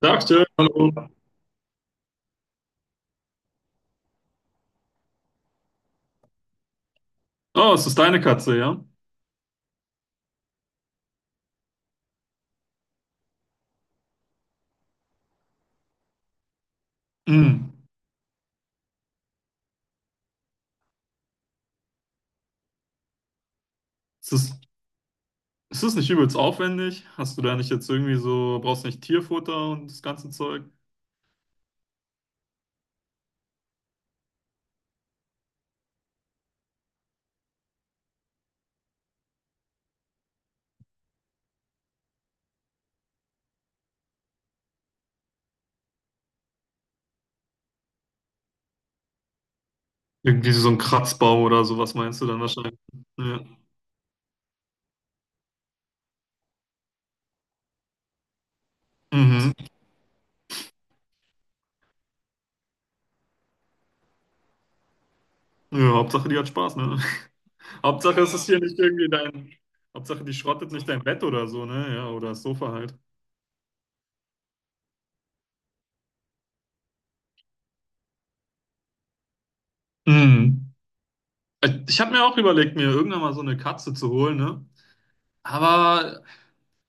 Tagchen, hallo. Oh, es ist deine Katze, ja? Mm. Ist das, ist das nicht übelst aufwendig? Hast du da nicht jetzt irgendwie so, brauchst nicht Tierfutter und das ganze Zeug? Irgendwie so ein Kratzbaum oder sowas meinst du dann wahrscheinlich? Ja. Mhm. Ja, Hauptsache die hat Spaß, ne? Hauptsache es ist hier nicht irgendwie dein, Hauptsache die schrottet nicht dein Bett oder so, ne? Ja, oder das Sofa halt. Mm. Ich habe mir auch überlegt, mir irgendwann mal so eine Katze zu holen, ne? Aber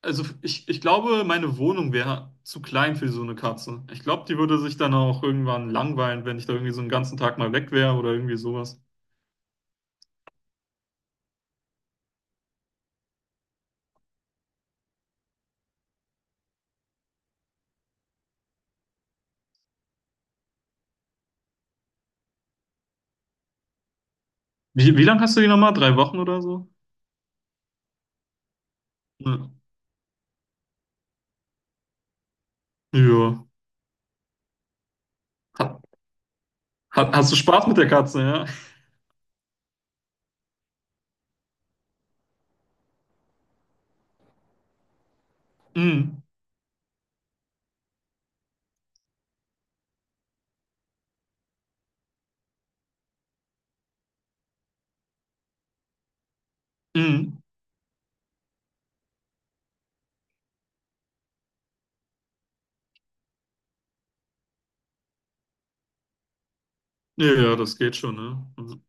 also ich glaube, meine Wohnung wäre zu klein für so eine Katze. Ich glaube, die würde sich dann auch irgendwann langweilen, wenn ich da irgendwie so einen ganzen Tag mal weg wäre oder irgendwie sowas. Wie lange hast du die nochmal? Drei Wochen oder so? Ja. Ja. Ha, hast du Spaß mit der Katze, ja? Mm, mm. Ja, ja, das geht schon, ne? Also,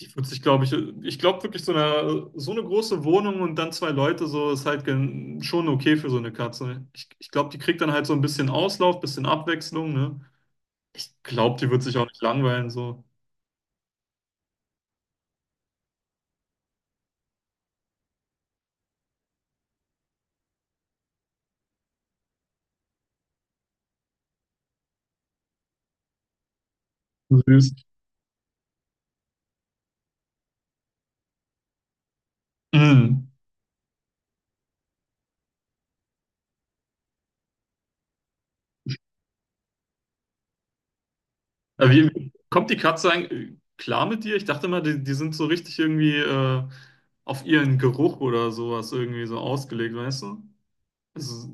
die wird sich, glaube ich, ich glaube wirklich, so eine große Wohnung und dann zwei Leute, so ist halt gen- schon okay für so eine Katze. Ich glaube, die kriegt dann halt so ein bisschen Auslauf, bisschen Abwechslung, ne? Ich glaube, die wird sich auch nicht langweilen, so süß. Mhm. Kommt die Katze eigentlich klar mit dir? Ich dachte mal, die sind so richtig irgendwie auf ihren Geruch oder sowas irgendwie so ausgelegt, weißt du? Also,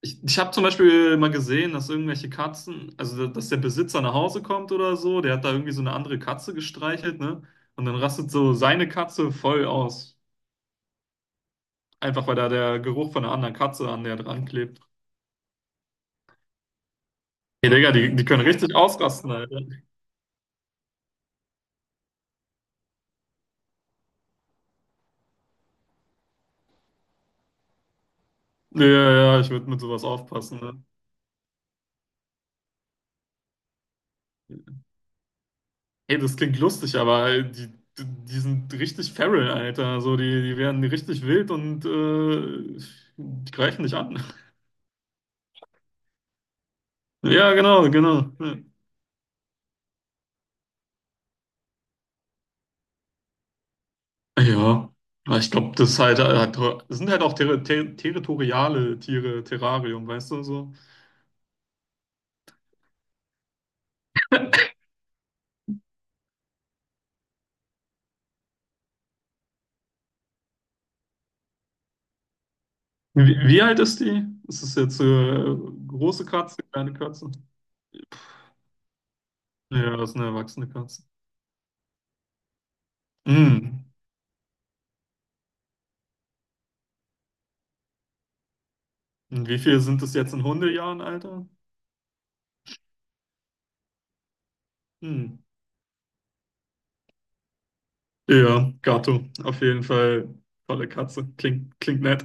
ich habe zum Beispiel mal gesehen, dass irgendwelche Katzen, also dass der Besitzer nach Hause kommt oder so, der hat da irgendwie so eine andere Katze gestreichelt, ne? Und dann rastet so seine Katze voll aus. Einfach weil da der Geruch von einer anderen Katze an der dran klebt. Hey, Digga, die können richtig ausrasten, Alter. Ja, ja, ja, ich würde mit sowas aufpassen, ne? Hey, das klingt lustig, aber die sind richtig feral, Alter. Also die werden richtig wild und die greifen dich an. Ja, genau, genau. Ja, ja. Aber ich glaube, das sind halt auch ter ter territoriale Tiere, Terrarium, weißt du so. Wie alt ist die? Ist es jetzt große Katze, kleine Katze? Ja, das ist eine erwachsene Katze. Hm. Und wie viel sind das jetzt in Hundejahren, Alter? Hm. Ja, Gato, auf jeden Fall tolle Katze. Klingt nett.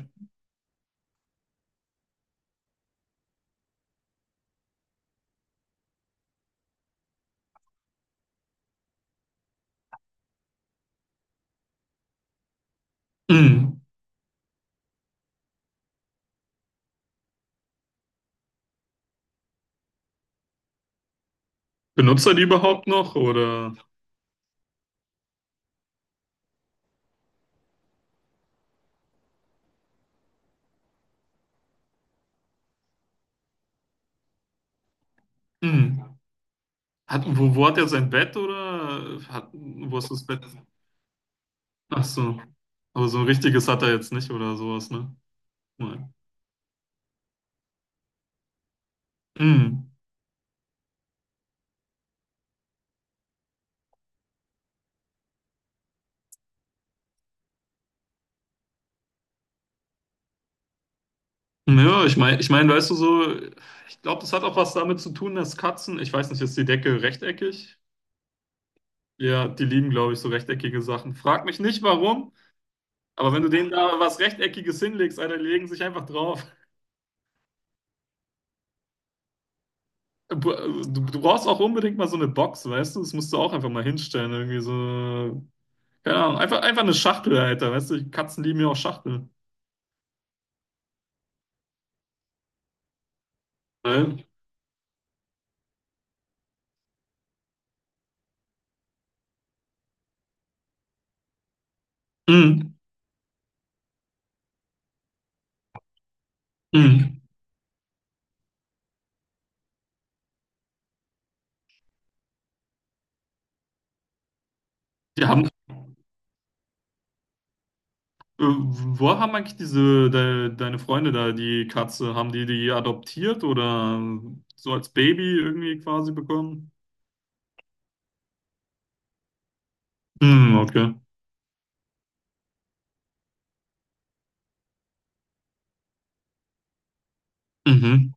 Mm. Benutzt er die überhaupt noch oder? Mm. Wo hat er sein Bett wo ist das Bett? Ach so. Aber so ein richtiges hat er jetzt nicht oder sowas, ne? Nein. Mm. Ja, ich meine, ich mein, weißt du, so ich glaube, das hat auch was damit zu tun, dass Katzen, ich weiß nicht, ist die Decke rechteckig? Ja, die lieben, glaube ich, so rechteckige Sachen. Frag mich nicht warum, aber wenn du denen da was Rechteckiges hinlegst, Alter, die legen sich einfach drauf. Du, du brauchst auch unbedingt mal so eine Box, weißt du? Das musst du auch einfach mal hinstellen, irgendwie so. Keine Ahnung, einfach eine Schachtel, Alter, weißt du? Die Katzen lieben ja auch Schachteln. Weil- mm, mm. Die haben, wo haben eigentlich deine Freunde da, die Katze, haben die die adoptiert oder so als Baby irgendwie quasi bekommen? Mm, okay. Mhm.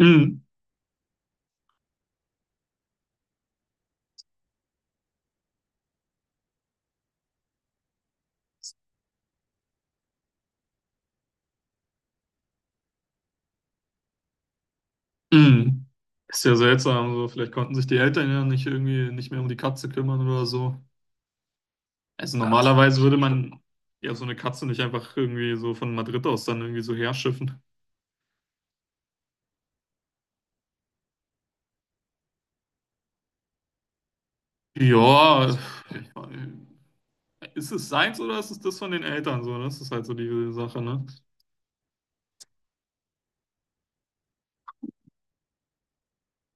Mm, mm. Ist ja seltsam, so. Vielleicht konnten sich die Eltern ja nicht irgendwie nicht mehr um die Katze kümmern oder so. Also gar nicht. Normalerweise komisch, würde man ja so eine Katze nicht einfach irgendwie so von Madrid aus dann irgendwie so herschiffen. Ja, also, äh, ist es seins oder ist es das von den Eltern so, ne? Das ist halt so die Sache, ne?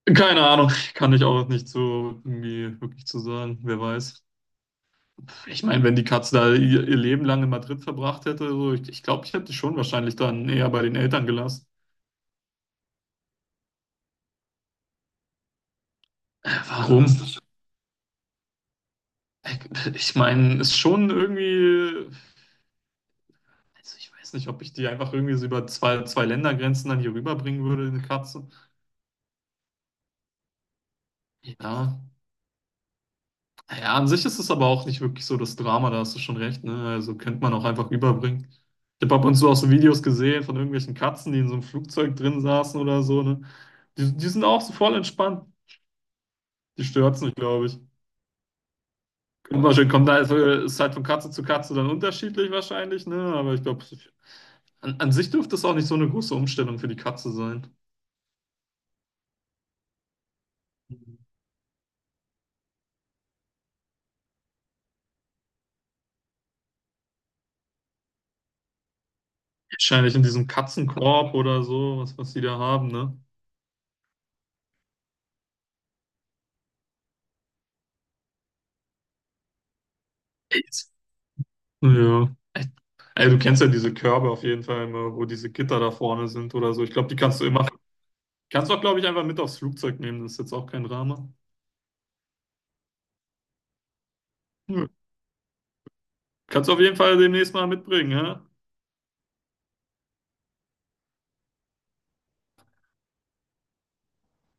Keine Ahnung, kann ich auch nicht so irgendwie wirklich zu sagen, wer weiß. Ich meine, wenn die Katze da ihr Leben lang in Madrid verbracht hätte, so, ich glaube, ich hätte die schon wahrscheinlich dann eher bei den Eltern gelassen. Warum? Ich meine, ist schon irgendwie. Also ich weiß nicht, ob ich die einfach irgendwie so über zwei Ländergrenzen dann hier rüberbringen würde, eine Katze. Ja. Ja, an sich ist es aber auch nicht wirklich so das Drama, da hast du schon recht, ne? Also könnte man auch einfach rüberbringen. Ich habe ab und zu auch so Videos gesehen von irgendwelchen Katzen, die in so einem Flugzeug drin saßen oder so, ne? Die sind auch so voll entspannt. Die stört's nicht, glaube ich. Kommt halt, ist halt von Katze zu Katze dann unterschiedlich wahrscheinlich, ne? Aber ich glaube, an sich dürfte es auch nicht so eine große Umstellung für die Katze sein. Wahrscheinlich in diesem Katzenkorb oder so, was die da haben, ne? Jetzt. Ja. Ey, du kennst ja diese Körbe auf jeden Fall immer, wo diese Gitter da vorne sind oder so. Ich glaube, die kannst du immer, kannst du auch, glaube ich, einfach mit aufs Flugzeug nehmen. Das ist jetzt auch kein Drama. Ja. Kannst du auf jeden Fall demnächst mal mitbringen, ja?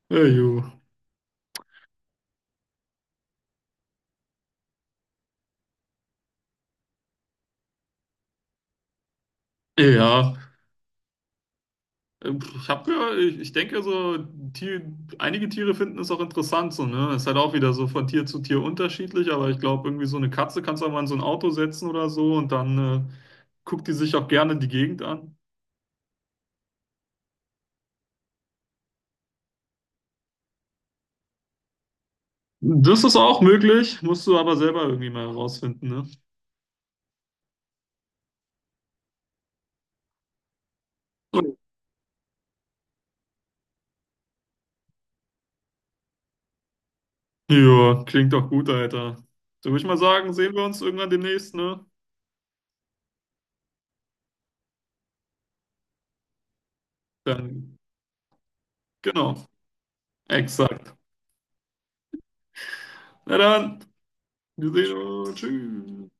Ja, ju. Ja. Ich hab gehört, ich denke so, Tier, einige Tiere finden es auch interessant so, ne? Ist halt auch wieder so von Tier zu Tier unterschiedlich, aber ich glaube, irgendwie so eine Katze kannst du auch mal in so ein Auto setzen oder so und dann äh, guckt die sich auch gerne die Gegend an. Das ist auch möglich, musst du aber selber irgendwie mal herausfinden, ne? Ja, klingt doch gut, Alter. So würde ich mal sagen, sehen wir uns irgendwann demnächst, ne? Dann, genau, exakt. Na dann, wir sehen uns. Tschüss.